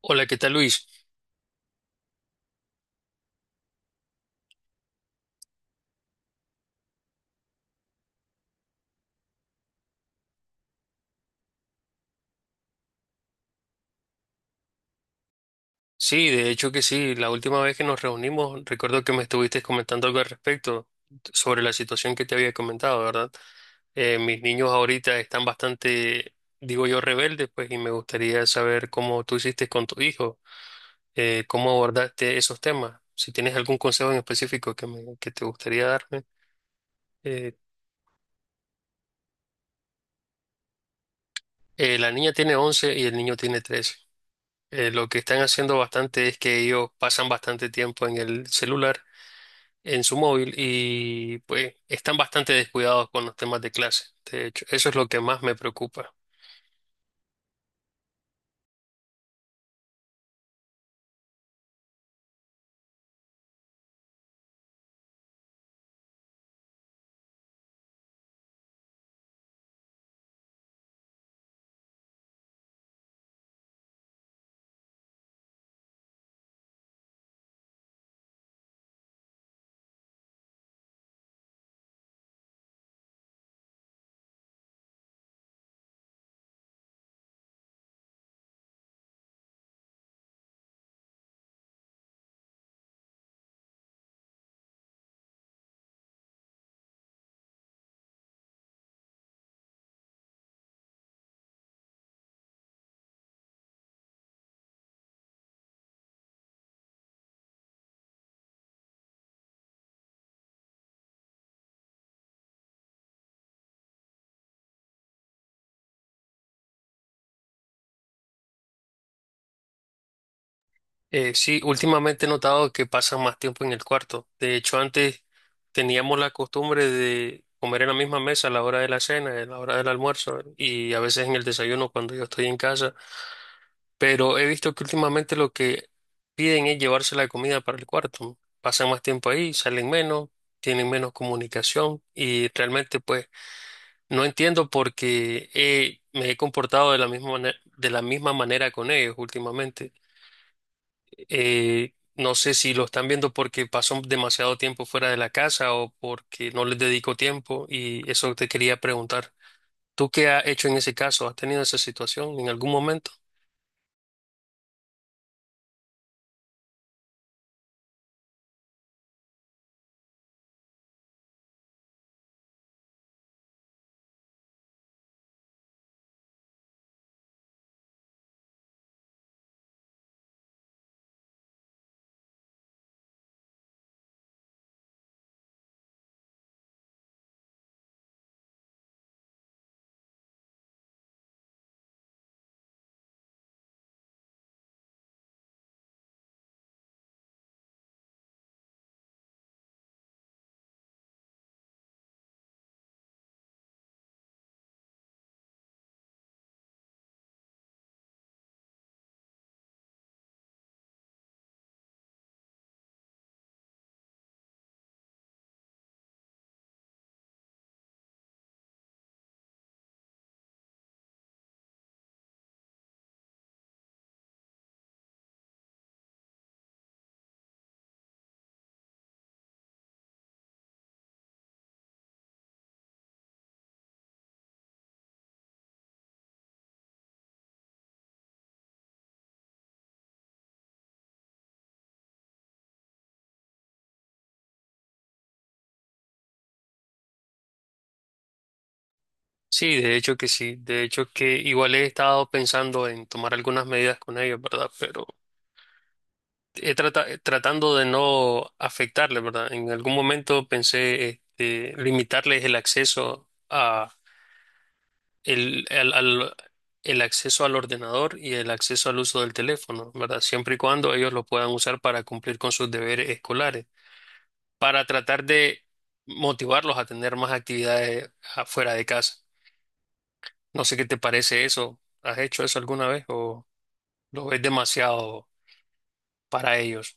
Hola, ¿qué tal Luis? Sí, de hecho que sí. La última vez que nos reunimos, recuerdo que me estuviste comentando algo al respecto sobre la situación que te había comentado, ¿verdad? Mis niños ahorita están bastante, digo yo, rebeldes, pues, y me gustaría saber cómo tú hiciste con tu hijo, cómo abordaste esos temas. Si tienes algún consejo en específico que, que te gustaría darme. Eh, la niña tiene 11 y el niño tiene 13. Lo que están haciendo bastante es que ellos pasan bastante tiempo en el celular en su móvil y pues están bastante descuidados con los temas de clase. De hecho, eso es lo que más me preocupa. Sí, últimamente he notado que pasan más tiempo en el cuarto. De hecho, antes teníamos la costumbre de comer en la misma mesa a la hora de la cena, a la hora del almuerzo y a veces en el desayuno cuando yo estoy en casa. Pero he visto que últimamente lo que piden es llevarse la comida para el cuarto. Pasan más tiempo ahí, salen menos, tienen menos comunicación y realmente pues no entiendo por qué. Me he comportado de la misma manera, con ellos últimamente. No sé si lo están viendo porque paso demasiado tiempo fuera de la casa o porque no les dedico tiempo, y eso te quería preguntar. ¿Tú qué has hecho en ese caso? ¿Has tenido esa situación en algún momento? Sí, de hecho que sí. De hecho que igual he estado pensando en tomar algunas medidas con ellos, ¿verdad? Pero tratando de no afectarle, ¿verdad? En algún momento pensé este, limitarles el acceso a el, al- al- el acceso al ordenador y el acceso al uso del teléfono, ¿verdad? Siempre y cuando ellos lo puedan usar para cumplir con sus deberes escolares, para tratar de motivarlos a tener más actividades afuera de casa. No sé qué te parece eso. ¿Has hecho eso alguna vez o lo ves demasiado para ellos?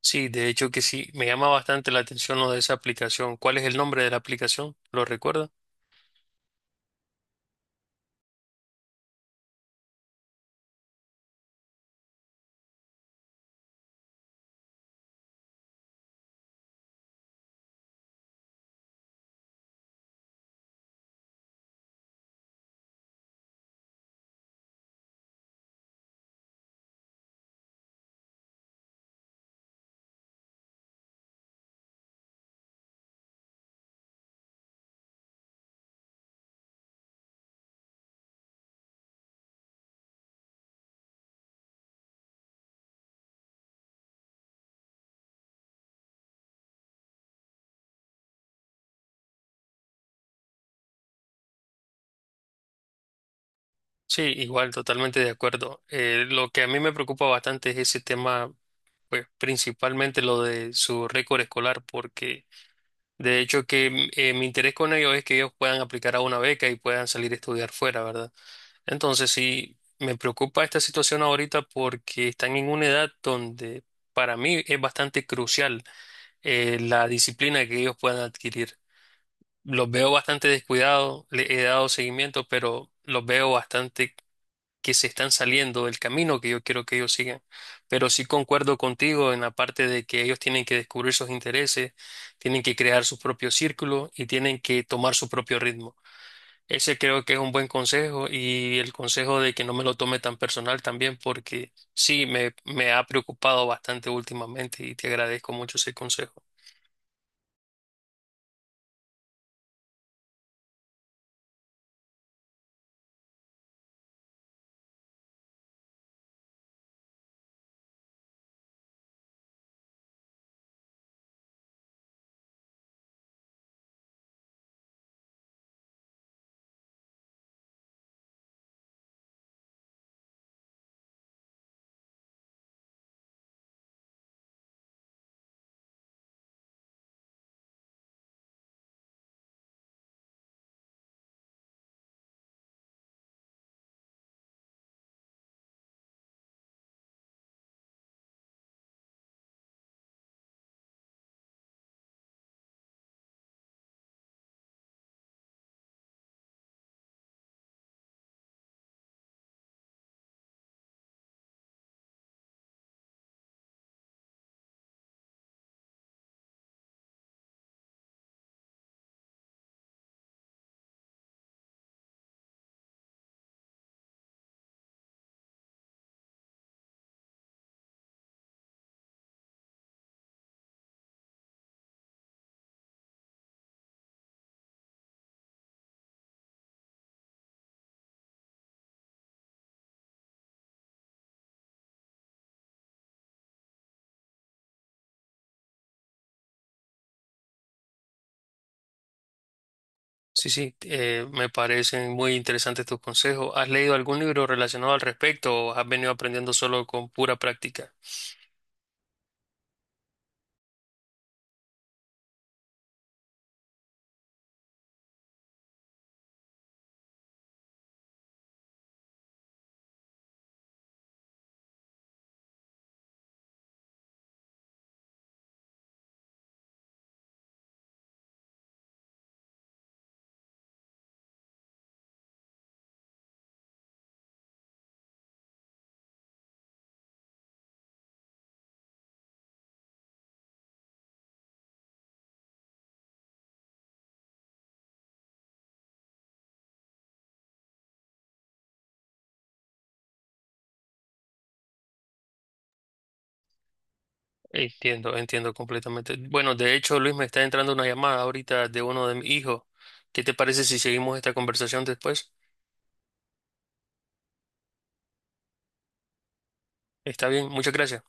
Sí, de hecho que sí, me llama bastante la atención lo de esa aplicación. ¿Cuál es el nombre de la aplicación? ¿Lo recuerda? Sí, igual, totalmente de acuerdo. Lo que a mí me preocupa bastante es ese tema, pues principalmente lo de su récord escolar, porque de hecho que mi interés con ellos es que ellos puedan aplicar a una beca y puedan salir a estudiar fuera, ¿verdad? Entonces sí, me preocupa esta situación ahorita porque están en una edad donde para mí es bastante crucial la disciplina que ellos puedan adquirir. Los veo bastante descuidados, le he dado seguimiento, pero los veo bastante que se están saliendo del camino que yo quiero que ellos sigan. Pero sí concuerdo contigo en la parte de que ellos tienen que descubrir sus intereses, tienen que crear su propio círculo y tienen que tomar su propio ritmo. Ese creo que es un buen consejo, y el consejo de que no me lo tome tan personal también, porque sí me ha preocupado bastante últimamente, y te agradezco mucho ese consejo. Sí, sí, me parecen muy interesantes tus consejos. ¿Has leído algún libro relacionado al respecto o has venido aprendiendo solo con pura práctica? Entiendo, entiendo completamente. Bueno, de hecho, Luis, me está entrando una llamada ahorita de uno de mis hijos. ¿Qué te parece si seguimos esta conversación después? Está bien, muchas gracias.